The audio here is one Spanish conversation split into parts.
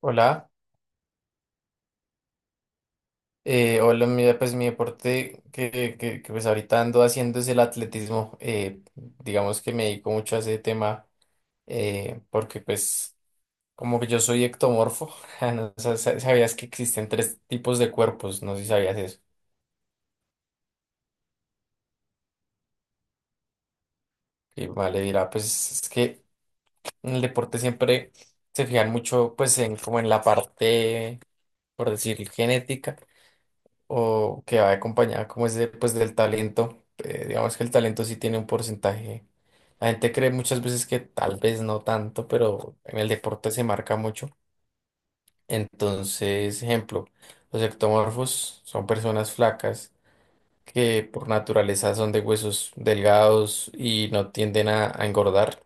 Hola, hola, mira, pues mi deporte que pues ahorita ando haciendo es el atletismo. Digamos que me dedico mucho a ese tema porque pues como que yo soy ectomorfo. No sabías que existen tres tipos de cuerpos? No sé si sabías eso. Y vale, dirá, pues es que en el deporte siempre se fijan mucho pues en como en la parte, por decir, genética, o que va acompañada como es de, pues, del talento. Digamos que el talento sí tiene un porcentaje. La gente cree muchas veces que tal vez no tanto, pero en el deporte se marca mucho. Entonces, ejemplo, los ectomorfos son personas flacas que por naturaleza son de huesos delgados y no tienden a engordar,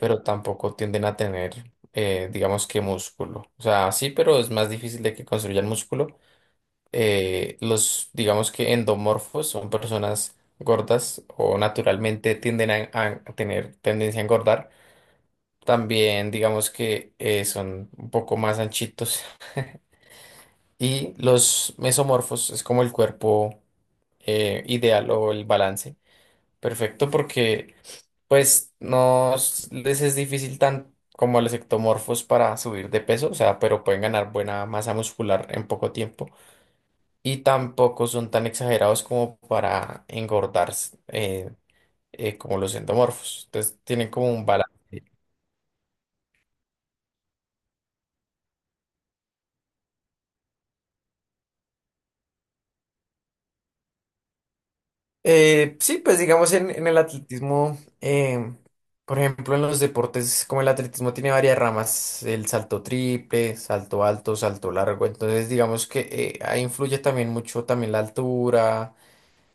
pero tampoco tienden a tener, digamos que músculo. O sea, sí, pero es más difícil de que construyan músculo. Los, digamos que endomorfos, son personas gordas o naturalmente tienden a tener tendencia a engordar. También digamos que son un poco más anchitos. Y los mesomorfos es como el cuerpo ideal o el balance perfecto, porque pues no s- les es difícil tan como a los ectomorfos para subir de peso, o sea, pero pueden ganar buena masa muscular en poco tiempo. Y tampoco son tan exagerados como para engordar eh, como los endomorfos. Entonces tienen como un balance. Sí, pues digamos en el atletismo, por ejemplo, en los deportes como el atletismo tiene varias ramas: el salto triple, salto alto, salto largo. Entonces digamos que ahí influye también mucho también la altura,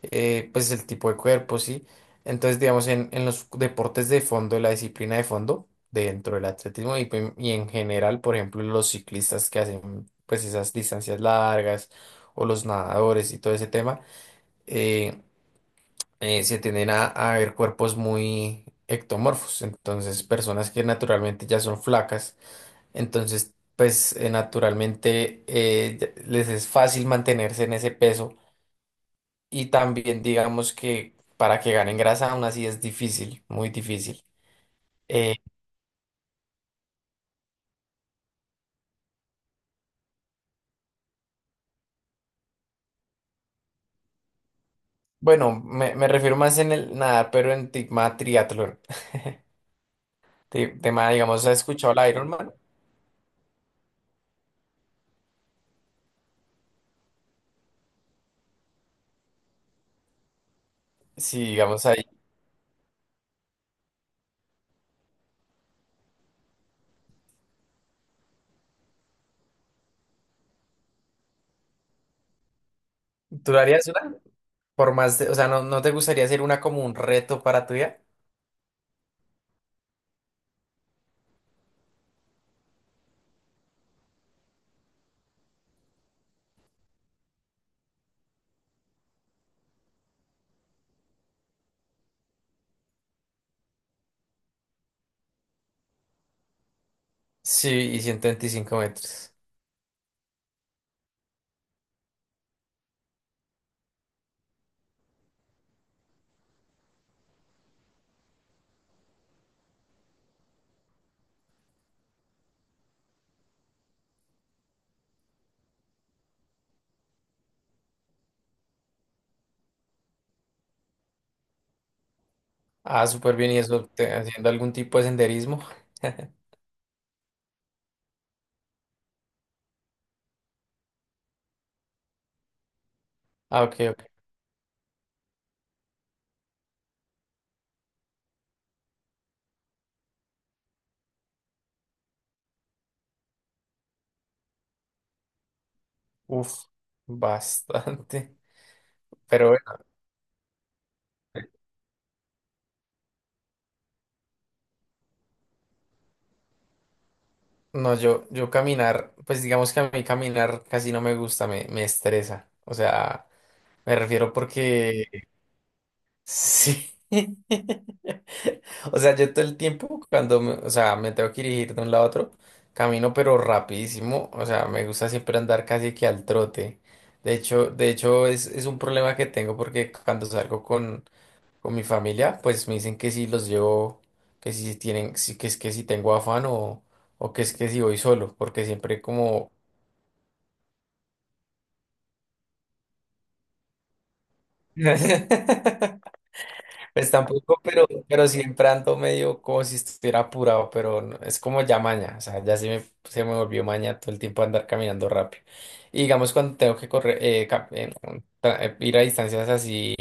pues el tipo de cuerpo, ¿sí? Entonces, digamos, en los deportes de fondo, en la disciplina de fondo, dentro del atletismo y en general, por ejemplo, los ciclistas que hacen pues esas distancias largas o los nadadores y todo ese tema, eh, se tienden a ver cuerpos muy ectomorfos, entonces personas que naturalmente ya son flacas. Entonces pues naturalmente les es fácil mantenerse en ese peso, y también digamos que para que ganen grasa aún así es difícil, muy difícil. Eh, bueno, me refiero más en el nadar, pero en tema triatlón. Tema, digamos, ¿has escuchado la Ironman? Sí, digamos ahí. ¿Tú harías una? O sea, ¿no, no te gustaría hacer una como un reto para tu vida? Sí, y 125 metros. Ah, súper bien. ¿Y eso haciendo algún tipo de senderismo? Ah, ok, ok. Uf, bastante. Pero bueno. No, yo caminar, pues digamos que a mí caminar casi no me gusta, me estresa. O sea, me refiero porque sí. O sea, yo todo el tiempo cuando, o sea, me tengo que dirigir de un lado a otro, camino pero rapidísimo. O sea, me gusta siempre andar casi que al trote. De hecho es un problema que tengo, porque cuando salgo con, mi familia, pues me dicen que si los llevo, que si tienen, que es que si tengo afán, o que es que si voy solo, porque siempre como... Pues tampoco, pero, siempre ando medio como si estuviera apurado, es como ya maña. O sea, ya se me volvió maña todo el tiempo andar caminando rápido. Y digamos cuando tengo que correr, ir a distancias así,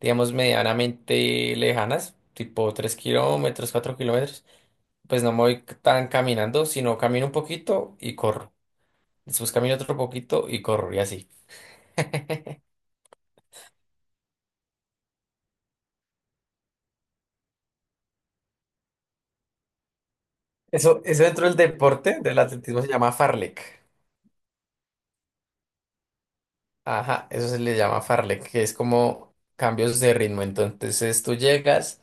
digamos, medianamente lejanas, tipo 3 kilómetros, 4 kilómetros, pues no me voy tan caminando, sino camino un poquito y corro. Después camino otro poquito y corro, y así. Eso dentro del deporte, del atletismo, se llama farlek. Ajá, eso se le llama fartlek, que es como cambios de ritmo. Entonces tú llegas,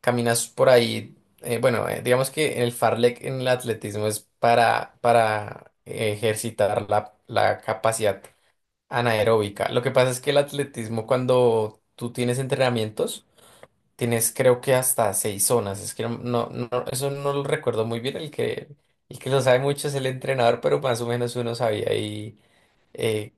caminas por ahí. Bueno, digamos que el fartlek en el atletismo es para, ejercitar la capacidad anaeróbica. Lo que pasa es que el atletismo, cuando tú tienes entrenamientos, tienes creo que hasta seis zonas. Es que eso no lo recuerdo muy bien. El que lo sabe mucho es el entrenador, pero más o menos uno sabía ahí. eh,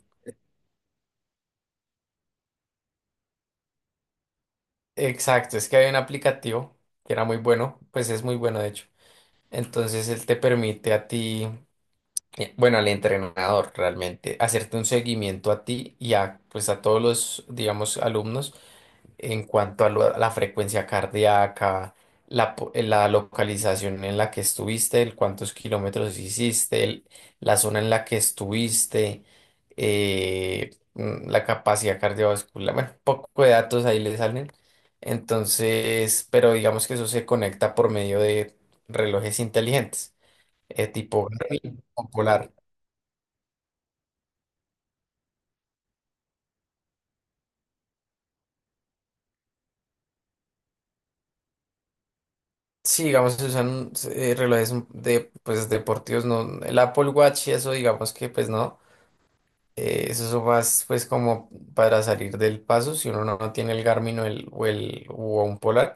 Exacto, es que hay un aplicativo que era muy bueno, pues es muy bueno de hecho. Entonces él te permite a ti, bueno, al entrenador realmente, hacerte un seguimiento a ti y a, pues a todos los, digamos, alumnos en cuanto a, la frecuencia cardíaca, la localización en la que estuviste, el cuántos kilómetros hiciste, la zona en la que estuviste, la capacidad cardiovascular. Bueno, poco de datos ahí le salen. Entonces, pero digamos que eso se conecta por medio de relojes inteligentes, tipo Garmin o Polar. Sí, digamos, se usan relojes de, pues, deportivos, no, el Apple Watch y eso, digamos que pues no. Eso son más pues como para salir del paso si uno no, no tiene el Garmin o un Polar,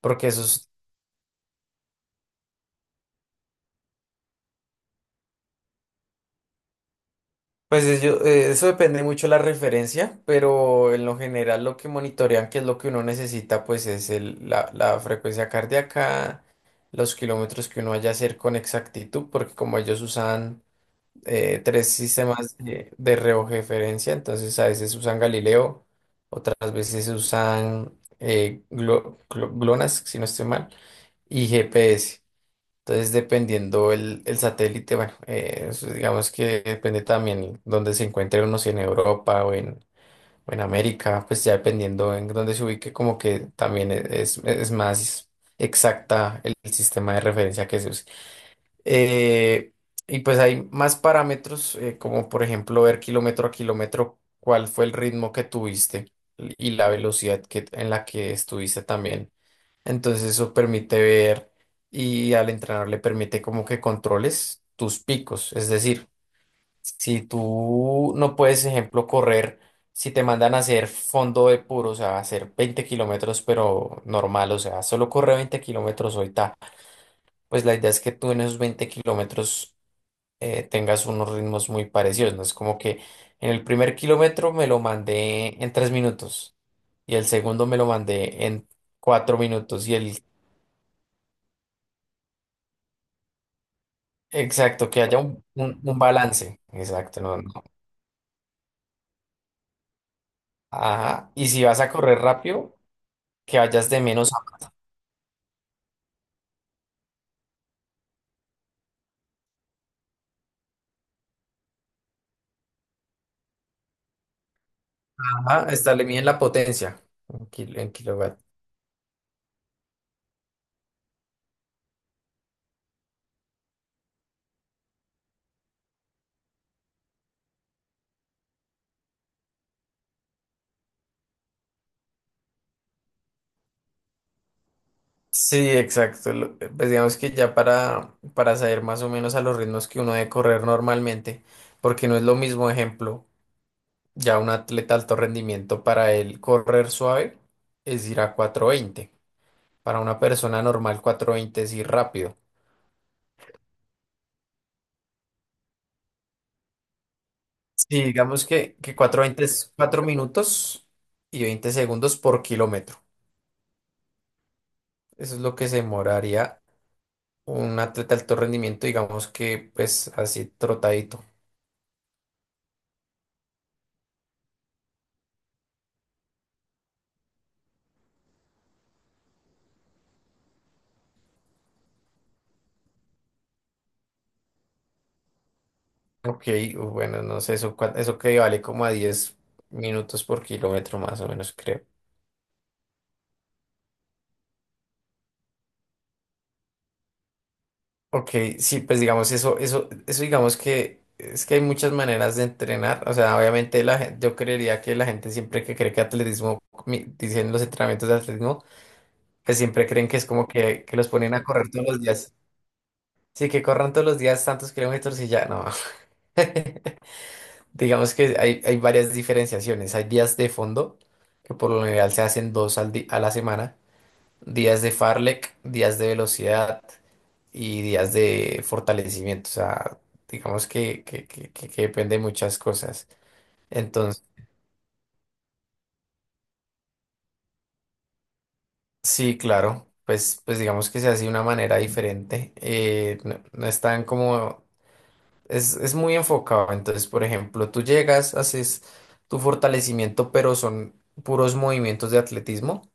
porque pues eso depende mucho de la referencia, pero en lo general lo que monitorean, que es lo que uno necesita, pues es la frecuencia cardíaca, los kilómetros que uno vaya a hacer con exactitud, porque como ellos usan tres sistemas de referencia. Entonces a veces usan Galileo, otras veces usan GLONASS, si no estoy mal, y GPS. Entonces, dependiendo el satélite, bueno, eso digamos que depende también dónde se encuentre uno, si en Europa o en, América. Pues ya dependiendo en dónde se ubique, como que también es más exacta el sistema de referencia que se usa. Eh, y pues hay más parámetros, como por ejemplo ver kilómetro a kilómetro cuál fue el ritmo que tuviste y la velocidad en la que estuviste también. Entonces eso permite ver, y al entrenador le permite como que controles tus picos. Es decir, si tú no puedes, ejemplo, correr, si te mandan a hacer fondo de puro, o sea, hacer 20 kilómetros, pero normal, o sea, solo corre 20 kilómetros hoy, ta. Pues la idea es que tú, en esos 20 kilómetros, tengas unos ritmos muy parecidos, ¿no? Es como que en el primer kilómetro me lo mandé en 3 minutos, y el segundo me lo mandé en 4 minutos, y el... exacto, que haya un balance. Exacto, no, no. Ajá, y si vas a correr rápido, que vayas de menos a más. Ajá, esta le miden la potencia en kilovatios. Sí, exacto. Pues digamos que ya para, saber más o menos a los ritmos que uno debe correr normalmente, porque no es lo mismo, ejemplo. Ya un atleta de alto rendimiento, para él correr suave es ir a cuatro veinte. Para una persona normal, 420 es ir rápido. Sí, digamos que cuatro veinte es 4 minutos y 20 segundos por kilómetro. Eso es lo que se demoraría un atleta de alto rendimiento, digamos que pues así trotadito. Ok, bueno, no sé, eso, eso que vale como a 10 minutos por kilómetro más o menos, creo. Ok, sí, pues digamos eso, eso, eso digamos que es que hay muchas maneras de entrenar. O sea, obviamente la gente, yo creería que la gente siempre que cree que atletismo, dicen los entrenamientos de atletismo, que siempre creen que es como que los ponen a correr todos los días. Sí, que corran todos los días tantos kilómetros y ya, no. Digamos que hay varias diferenciaciones. Hay días de fondo, que por lo general se hacen dos a la semana, días de Farlek, días de velocidad y días de fortalecimiento. O sea, digamos que depende de muchas cosas. Entonces, sí, claro, pues, digamos que se hace de una manera diferente. No, no es tan como... Es muy enfocado. Entonces, por ejemplo, tú llegas, haces tu fortalecimiento, pero son puros movimientos de atletismo.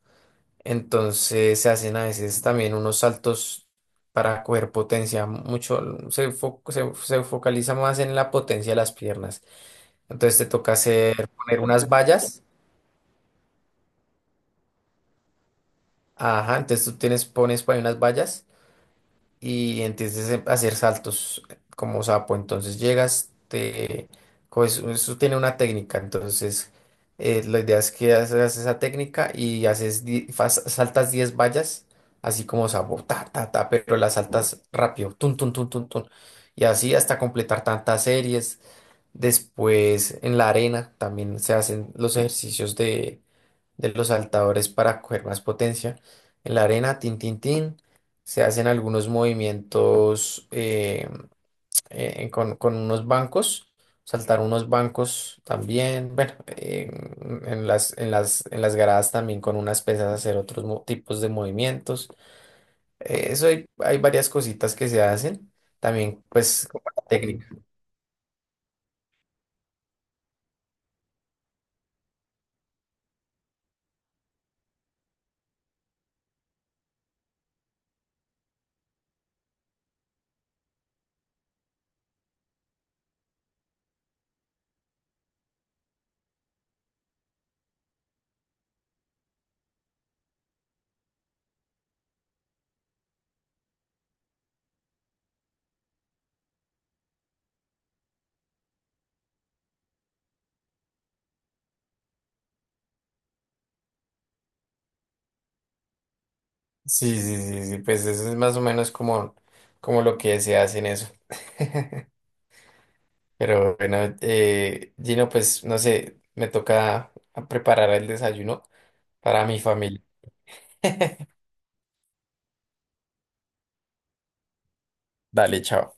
Entonces se hacen a veces también unos saltos para coger potencia. Mucho se focaliza más en la potencia de las piernas. Entonces te toca hacer, poner unas vallas. Ajá, entonces tú tienes, pones por ahí unas vallas y entonces a hacer saltos como sapo. Entonces llegas, eso tiene una técnica. Entonces, la idea es que haces esa técnica y saltas 10 vallas, así como sapo, ta, ta, ta, pero las saltas rápido, tun, tun, tun, tun, tun. Y así hasta completar tantas series. Después en la arena también se hacen los ejercicios de los saltadores para coger más potencia. En la arena, tin, tin, tin, se hacen algunos movimientos con, unos bancos, saltar unos bancos también. Bueno, en las, en las gradas también, con unas pesas, hacer otros tipos de movimientos. Eso hay, varias cositas que se hacen, también pues como la técnica. Sí, sí, sí, sí, pues eso es más o menos como, lo que se hace en eso. Pero bueno, Gino, pues no sé, me toca a preparar el desayuno para mi familia. Dale, chao.